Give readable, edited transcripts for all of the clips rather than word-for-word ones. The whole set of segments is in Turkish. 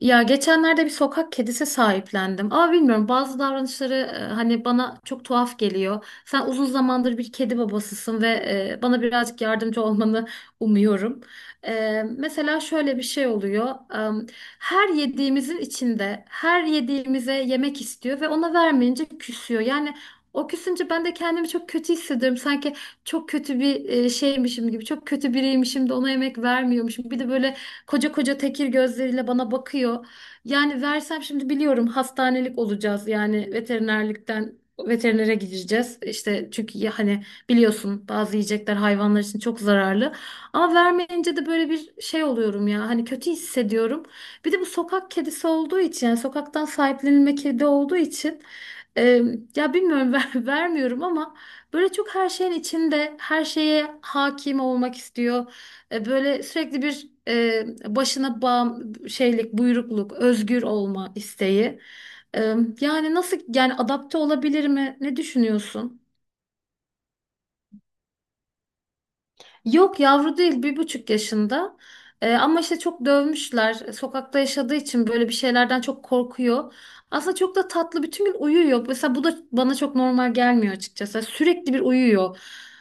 Ya geçenlerde bir sokak kedisi sahiplendim. Ama bilmiyorum bazı davranışları hani bana çok tuhaf geliyor. Sen uzun zamandır bir kedi babasısın ve bana birazcık yardımcı olmanı umuyorum. Mesela şöyle bir şey oluyor. E, Her yediğimizin içinde her yediğimize yemek istiyor ve ona vermeyince küsüyor. Yani o küsünce ben de kendimi çok kötü hissediyorum. Sanki çok kötü bir şeymişim gibi, çok kötü biriymişim de ona yemek vermiyormuşum. Bir de böyle koca koca tekir gözleriyle bana bakıyor. Yani versem şimdi biliyorum hastanelik olacağız. Yani veterinere gideceğiz. İşte çünkü ya hani biliyorsun bazı yiyecekler hayvanlar için çok zararlı. Ama vermeyince de böyle bir şey oluyorum ya. Hani kötü hissediyorum. Bir de bu sokak kedisi olduğu için yani sokaktan sahiplenilme kedi olduğu için e, ya bilmiyorum vermiyorum ama böyle çok her şeyin içinde her şeye hakim olmak istiyor. Böyle sürekli bir başına bağım şeylik, buyrukluk, özgür olma isteği. E, Yani nasıl yani adapte olabilir mi? Ne düşünüyorsun? Yok yavru değil bir buçuk yaşında. Ama işte çok dövmüşler. Sokakta yaşadığı için böyle bir şeylerden çok korkuyor. Aslında çok da tatlı bütün gün uyuyor. Mesela bu da bana çok normal gelmiyor açıkçası. Sürekli bir uyuyor.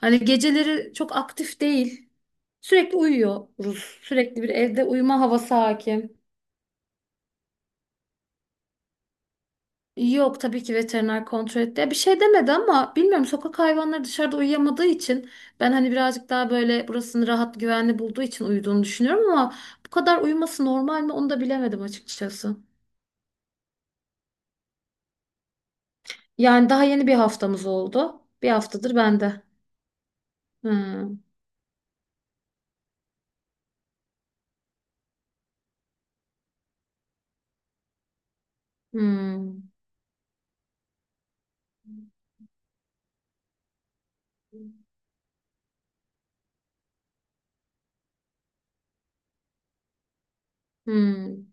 Hani geceleri çok aktif değil. Sürekli uyuyoruz. Sürekli bir evde uyuma havası hakim. Yok tabii ki veteriner kontrol etti. Ya bir şey demedi ama bilmiyorum sokak hayvanları dışarıda uyuyamadığı için ben hani birazcık daha böyle burasını rahat güvenli bulduğu için uyuduğunu düşünüyorum ama bu kadar uyuması normal mi onu da bilemedim açıkçası. Yani daha yeni bir haftamız oldu. Bir haftadır bende. Hmm. Hmm. Hmm.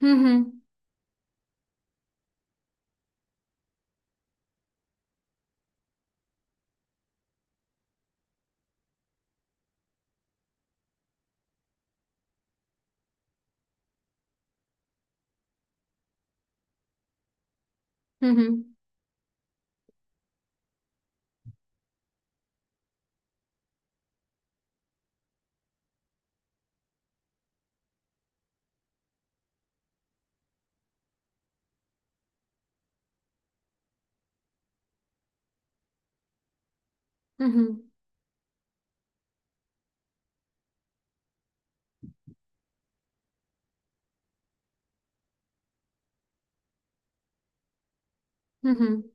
Hı hı. Hı hı. Hı hı. Hı hı.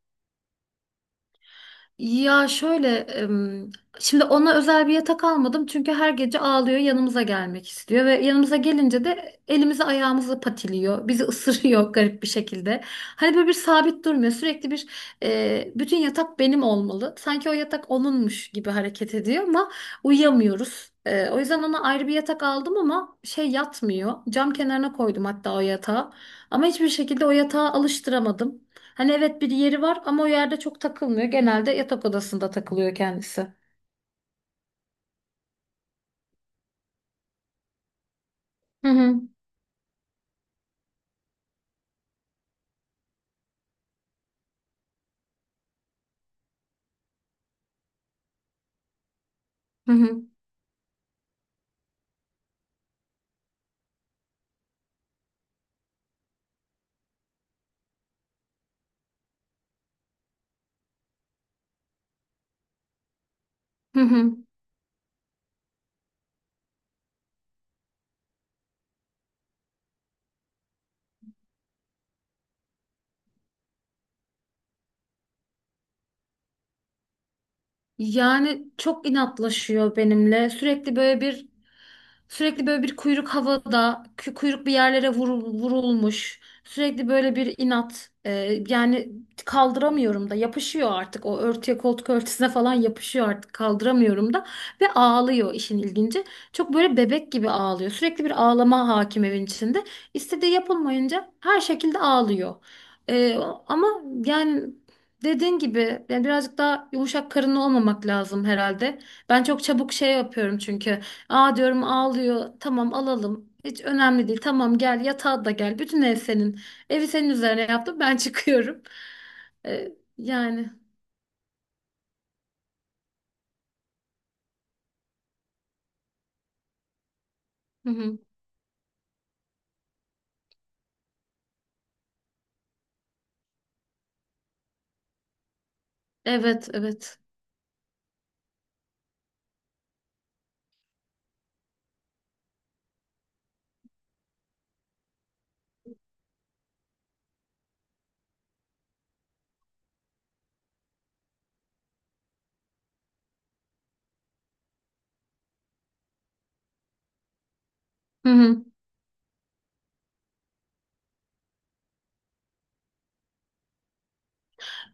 Ya şöyle, şimdi ona özel bir yatak almadım çünkü her gece ağlıyor, yanımıza gelmek istiyor ve yanımıza gelince de elimizi ayağımızı patiliyor, bizi ısırıyor garip bir şekilde. Hani böyle bir sabit durmuyor, sürekli bir bütün yatak benim olmalı. Sanki o yatak onunmuş gibi hareket ediyor ama uyuyamıyoruz. O yüzden ona ayrı bir yatak aldım ama şey yatmıyor. Cam kenarına koydum hatta o yatağı. Ama hiçbir şekilde o yatağa alıştıramadım. Hani evet bir yeri var ama o yerde çok takılmıyor. Genelde yatak odasında takılıyor kendisi. Hı hı. Hı hı. Hı hı. Yani çok inatlaşıyor benimle. Sürekli böyle bir kuyruk havada, kuyruk bir yerlere vurulmuş. Sürekli böyle bir inat. Yani kaldıramıyorum da yapışıyor artık o örtüye koltuk örtüsüne falan yapışıyor artık kaldıramıyorum da ve ağlıyor işin ilginci. Çok böyle bebek gibi ağlıyor. Sürekli bir ağlama hakim evin içinde. İstediği yapılmayınca her şekilde ağlıyor. Ee, Ama yani dediğin gibi yani birazcık daha yumuşak karınlı olmamak lazım herhalde. Ben çok çabuk şey yapıyorum çünkü. Aa diyorum ağlıyor. Tamam alalım. Hiç önemli değil. Tamam gel yatağa da gel. Bütün ev senin. Evi senin üzerine yaptım. Ben çıkıyorum. Ee, Yani. Hı hı. Evet evet. Hı hı.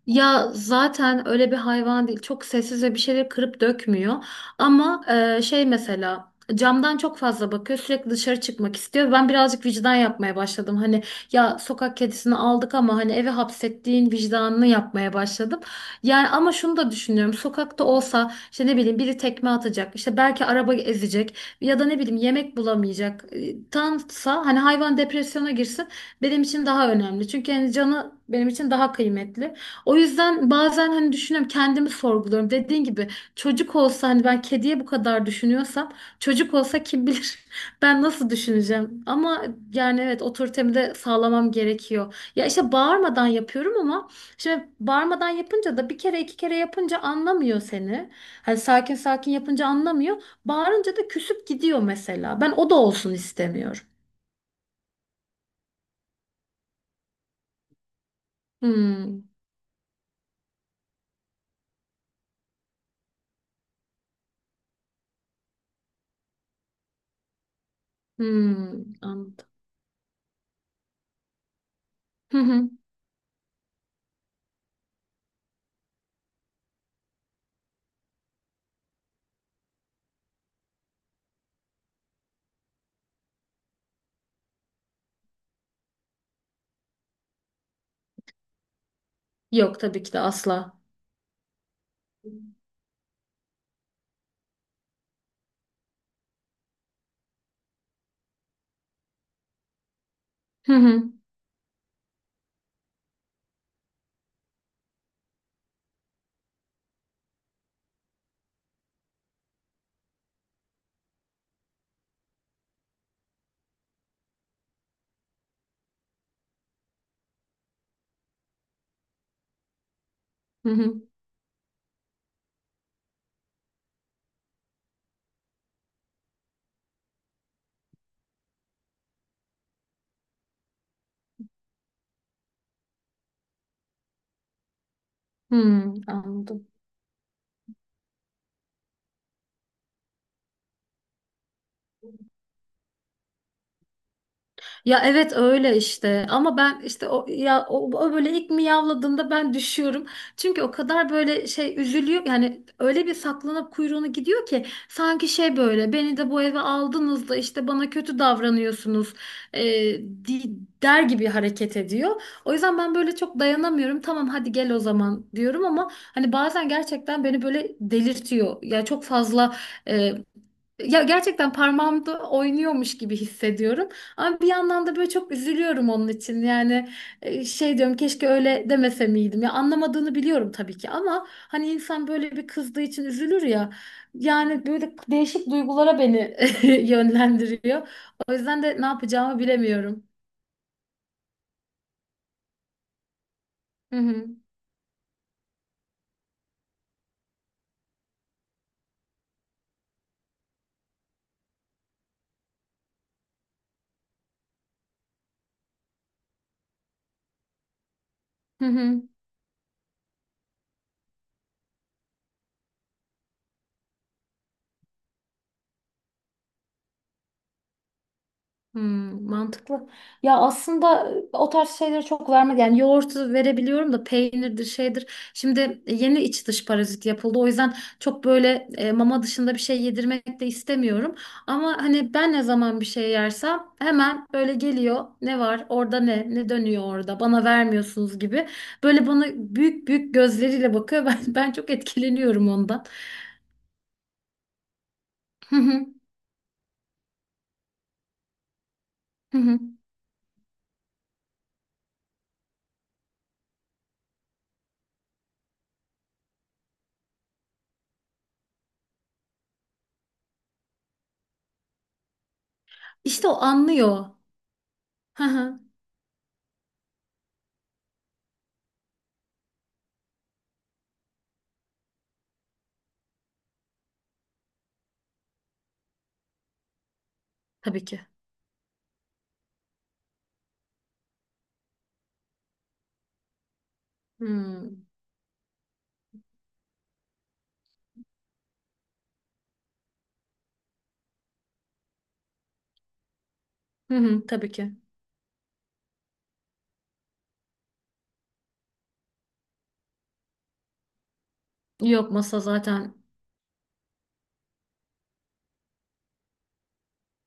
Ya zaten öyle bir hayvan değil. Çok sessiz ve bir şeyleri kırıp dökmüyor. Ama mesela camdan çok fazla bakıyor. Sürekli dışarı çıkmak istiyor. Ben birazcık vicdan yapmaya başladım. Hani ya sokak kedisini aldık ama hani eve hapsettiğin vicdanını yapmaya başladım. Yani ama şunu da düşünüyorum. Sokakta olsa işte ne bileyim biri tekme atacak. İşte belki araba ezecek ya da ne bileyim yemek bulamayacak. Tansa hani hayvan depresyona girsin benim için daha önemli. Çünkü yani canı benim için daha kıymetli. O yüzden bazen hani düşünüyorum kendimi sorguluyorum. Dediğin gibi çocuk olsa hani ben kediye bu kadar düşünüyorsam çocuk olsa kim bilir ben nasıl düşüneceğim. Ama yani evet otoritemi de sağlamam gerekiyor. Ya işte bağırmadan yapıyorum ama şimdi bağırmadan yapınca da bir kere iki kere yapınca anlamıyor seni. Hani sakin sakin yapınca anlamıyor. Bağırınca da küsüp gidiyor mesela. Ben o da olsun istemiyorum. Hmm, hmm, anladım. Hı hı. Yok tabii ki de asla. Hı hı. Hı hı. Hmm, anladım. Ya evet öyle işte ama ben işte o ya o böyle ilk miyavladığında ben düşüyorum. Çünkü o kadar böyle şey üzülüyor yani öyle bir saklanıp kuyruğunu gidiyor ki sanki şey böyle beni de bu eve aldınız da işte bana kötü davranıyorsunuz e, di- der gibi hareket ediyor. O yüzden ben böyle çok dayanamıyorum. Tamam hadi gel o zaman diyorum ama hani bazen gerçekten beni böyle delirtiyor. E, Ya gerçekten parmağımda oynuyormuş gibi hissediyorum. Ama bir yandan da böyle çok üzülüyorum onun için. Yani şey diyorum keşke öyle demese miydim. Ya anlamadığını biliyorum tabii ki ama hani insan böyle bir kızdığı için üzülür ya. Yani böyle değişik duygulara beni yönlendiriyor. O yüzden de ne yapacağımı bilemiyorum. Hı hı. Hı hı. Hmm, mantıklı. Ya aslında o tarz şeyleri çok vermedi. Yani yoğurtu verebiliyorum da peynirdir şeydir. Şimdi yeni iç dış parazit yapıldı. O yüzden çok böyle mama dışında bir şey yedirmek de istemiyorum. Ama hani ben ne zaman bir şey yersem hemen böyle geliyor. Ne var orada ne? Ne dönüyor orada? Bana vermiyorsunuz gibi. Böyle bana büyük büyük gözleriyle bakıyor. Ben çok etkileniyorum ondan. Hı hı, hı hı. İşte o anlıyor. Hı hı, tabii ki. Hmm. Hı hı, tabii ki. Yok masa zaten.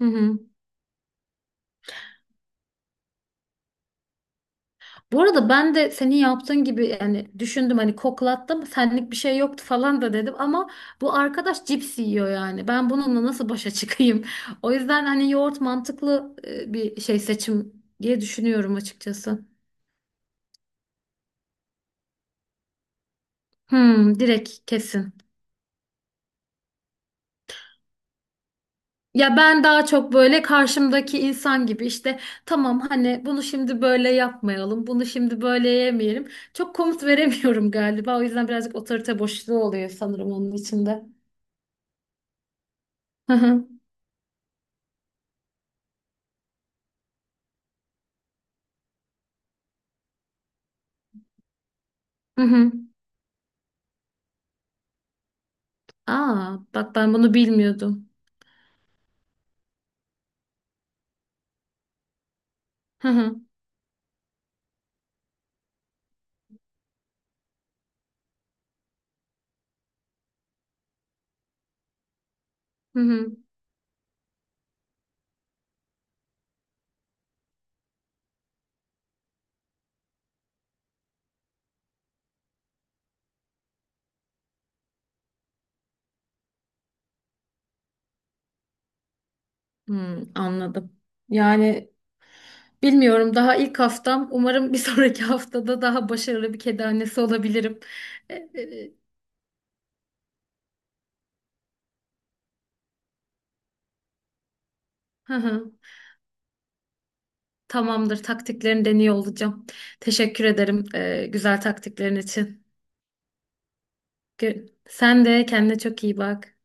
Hı hı. Bu arada ben de senin yaptığın gibi yani düşündüm hani koklattım senlik bir şey yoktu falan da dedim ama bu arkadaş cips yiyor yani. Ben bununla nasıl başa çıkayım? O yüzden hani yoğurt mantıklı bir şey seçim diye düşünüyorum açıkçası. Hmm, direkt kesin. Ya ben daha çok böyle karşımdaki insan gibi işte tamam hani bunu şimdi böyle yapmayalım, bunu şimdi böyle yemeyelim. Çok komut veremiyorum galiba. O yüzden birazcık otorite boşluğu oluyor sanırım onun içinde. Hı hı. Hı hı. Aa, bak ben bunu bilmiyordum. Hı hı. Hı hı. Hmm, anladım. Yani bilmiyorum daha ilk haftam. Umarım bir sonraki haftada daha başarılı bir kedi annesi olabilirim. E, e, e, Hı hı. Tamamdır. Taktiklerini deniyor olacağım. Teşekkür ederim güzel taktiklerin için. Sen de kendine çok iyi bak.